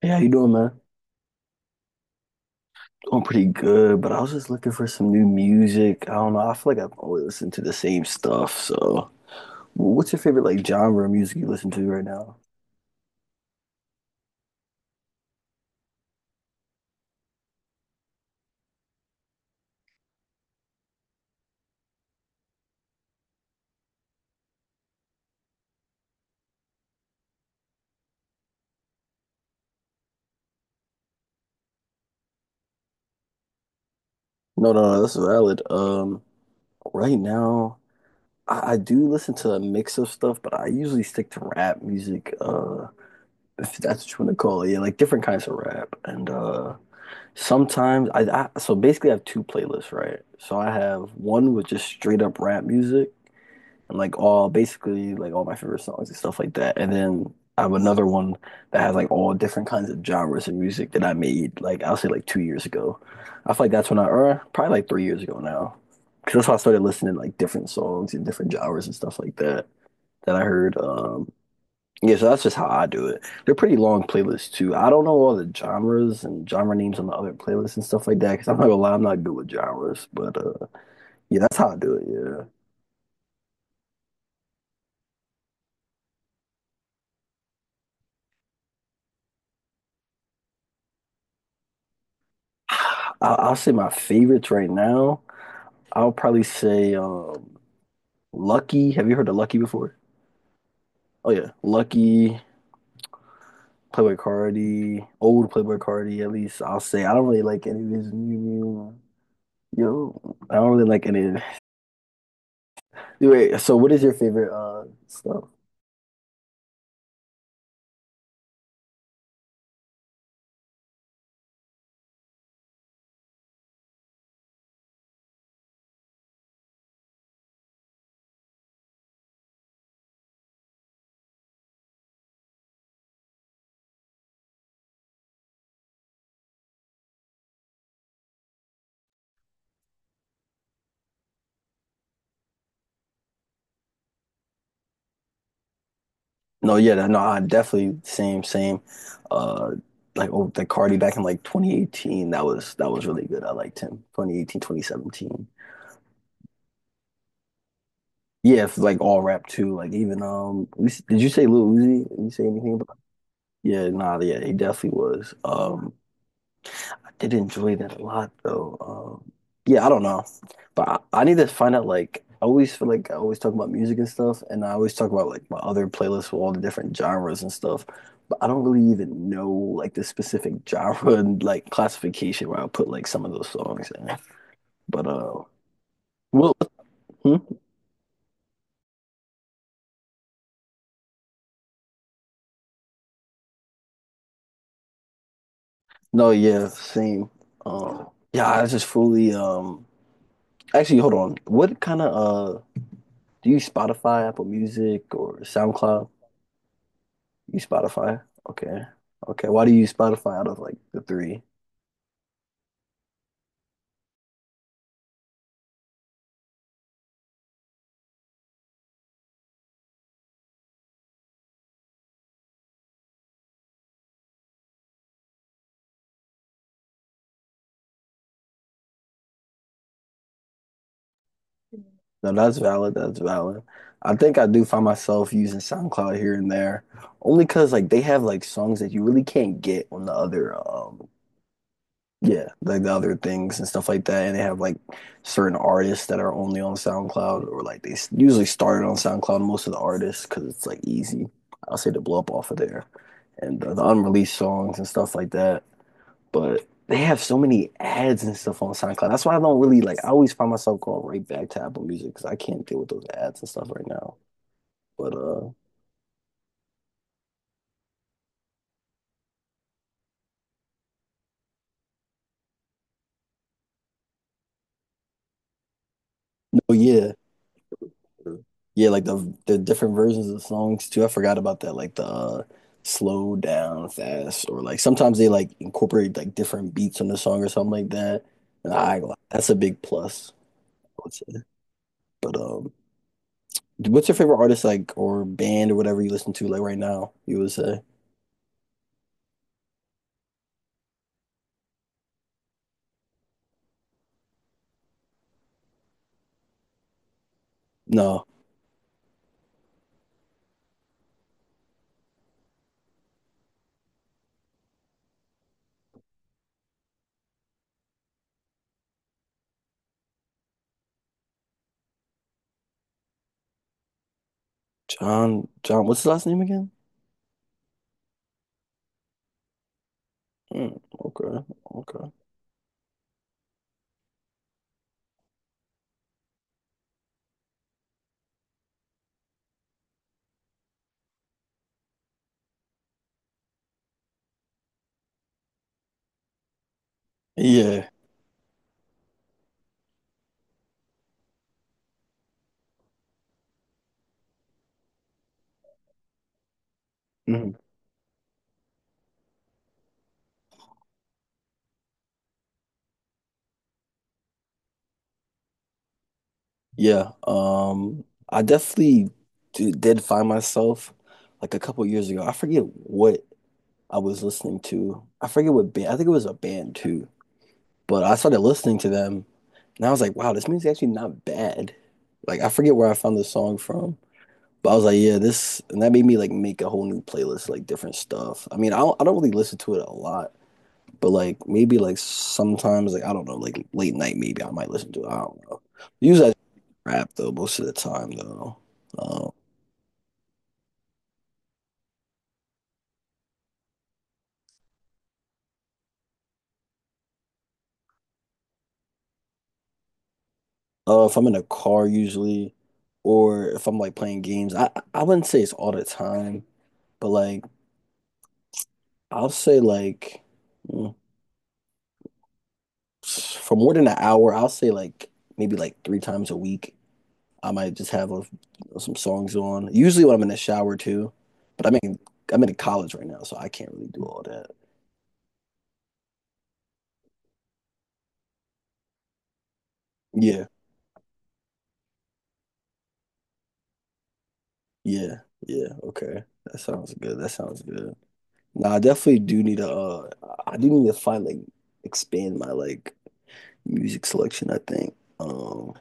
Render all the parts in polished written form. Hey, how you doing, man? Doing pretty good, but I was just looking for some new music. I don't know. I feel like I've always listened to the same stuff. So, what's your favorite like genre of music you listen to right now? No, no, no, that's valid. Right now, I do listen to a mix of stuff, but I usually stick to rap music. If that's what you want to call it, yeah, like different kinds of rap. And sometimes I so basically I have two playlists, right? So I have one with just straight up rap music. And like all basically like all my favorite songs and stuff like that. And then I have another one that has like all different kinds of genres of music that I made like I'll say like 2 years ago. I feel like that's when I or probably like 3 years ago now. Because that's how I started listening to like different songs and different genres and stuff like that that I heard. Yeah, so that's just how I do it. They're pretty long playlists too. I don't know all the genres and genre names on the other playlists and stuff like that. Because I'm not gonna lie, I'm not good with genres. But yeah, that's how I do it. Yeah. I'll, I'll say my favorites right now. I'll probably say Lucky. Have you heard of Lucky before? Oh yeah, Lucky, Playboy Cardi, old Playboy Cardi. At least I'll say I don't really like any of his new new. Yo, I don't really like any. Of- it. Anyway, so what is your favorite stuff? No, yeah, no, I definitely same same. Uh, like oh, the Cardi back in like 2018. That was really good. I liked him. 2018, 2017. Yeah, if like all rap too. Like even we, did you say Lil Uzi? Did you say anything about? Yeah, nah, yeah, he definitely was. I did enjoy that a lot though. Yeah, I don't know, but I need to find out. Like, I always feel like I always talk about music and stuff, and I always talk about like my other playlists with all the different genres and stuff. But I don't really even know like the specific genre and like classification where I put like some of those songs in. But well, hmm? No, yeah, same. Yeah, I just fully actually hold on. What kind of do you Spotify, Apple Music or SoundCloud? You Spotify? Okay. Okay. Why do you use Spotify out of like the three? No, that's valid. That's valid. I think I do find myself using SoundCloud here and there, only because like they have like songs that you really can't get on the other yeah, like the other things and stuff like that. And they have like certain artists that are only on SoundCloud, or like they s- usually started on SoundCloud, most of the artists, because it's like easy, I'll say, to blow up off of there. And the unreleased songs and stuff like that. But they have so many ads and stuff on SoundCloud. That's why I don't really like, I always find myself going right back to Apple Music because I can't deal with those ads and stuff right now. But no, yeah. Yeah, like the different versions of songs too. I forgot about that. Like the slow down fast, or like sometimes they like incorporate like different beats on the song or something like that. And I that's a big plus, I would say. But what's your favorite artist like or band or whatever you listen to like right now? You would say no, John. What's his last name again? Mm, okay, okay, yeah. Mhm. Yeah, I definitely d did find myself like a couple years ago. I forget what I was listening to. I forget what band. I think it was a band too. But I started listening to them, and I was like, "Wow, this music's actually not bad." Like I forget where I found the song from, but I was like, "Yeah, this," and that made me like make a whole new playlist, like different stuff. I mean, I don't really listen to it a lot, but like maybe like sometimes, like I don't know, like late night, maybe I might listen to it. I don't know. Usually, I rap though most of the time though. Um, if I'm in a car usually, or if I'm like playing games, I wouldn't say it's all the time, but like I'll say like mm, for more than an hour, I'll say like maybe like three times a week. I might just have a, some songs on. Usually when I'm in the shower too, but I'm in college right now, so I can't really do all that. Yeah, yeah, yeah. Okay, that sounds good. That sounds good. Nah, I definitely do need to I do need to find like expand my like music selection, I think. Um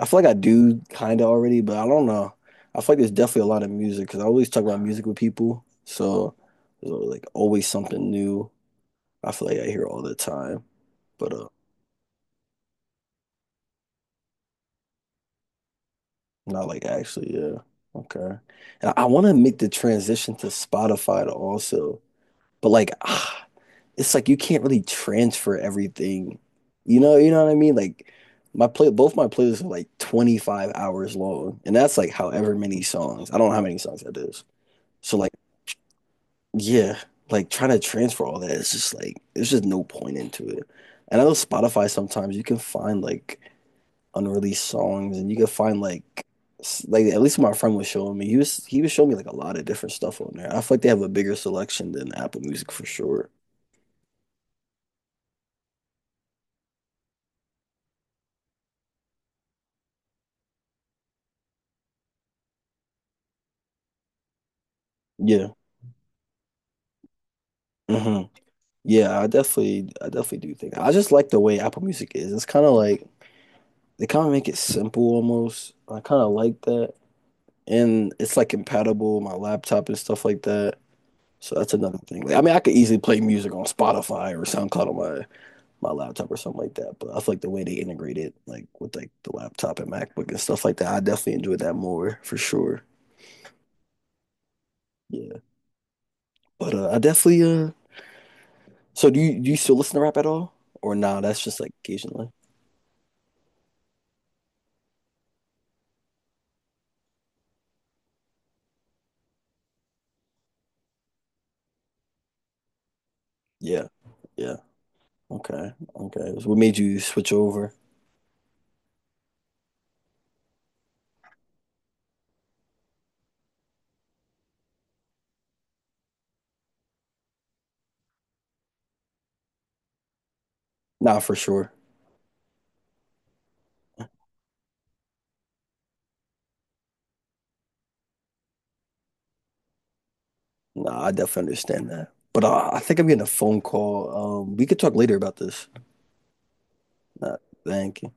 I feel like I do kinda already, but I don't know. I feel like there's definitely a lot of music because I always talk about music with people. So there's like always something new. I feel like I hear all the time. But not like actually, yeah. Okay. And I wanna make the transition to Spotify to also. But like it's like you can't really transfer everything. You know what I mean? Like my play both my playlists are like 25 hours long, and that's like however many songs. I don't know how many songs that is. So like yeah, like trying to transfer all that, it's just like there's just no point into it. And I know Spotify sometimes you can find like unreleased songs and you can find like s- like at least my friend was showing me. He was showing me like a lot of different stuff on there. I feel like they have a bigger selection than Apple Music for sure. Yeah. Mm-hmm. Yeah, I definitely do think that. I just like the way Apple Music is. It's kind of like they kind of make it simple almost. I kind of like that, and it's like compatible with my laptop and stuff like that. So that's another thing. Like, I mean, I could easily play music on Spotify or SoundCloud on my my laptop or something like that. But I feel like the way they integrate it, like with like the laptop and MacBook and stuff like that, I definitely enjoy that more for sure. Yeah, but I definitely. So do you still listen to rap at all, or nah? That's just like occasionally. Yeah. Yeah. Okay, okay. So what made you switch over? Nah, for sure. Nah, I definitely understand that. But I think I'm getting a phone call. We could talk later about this. Nah, thank you.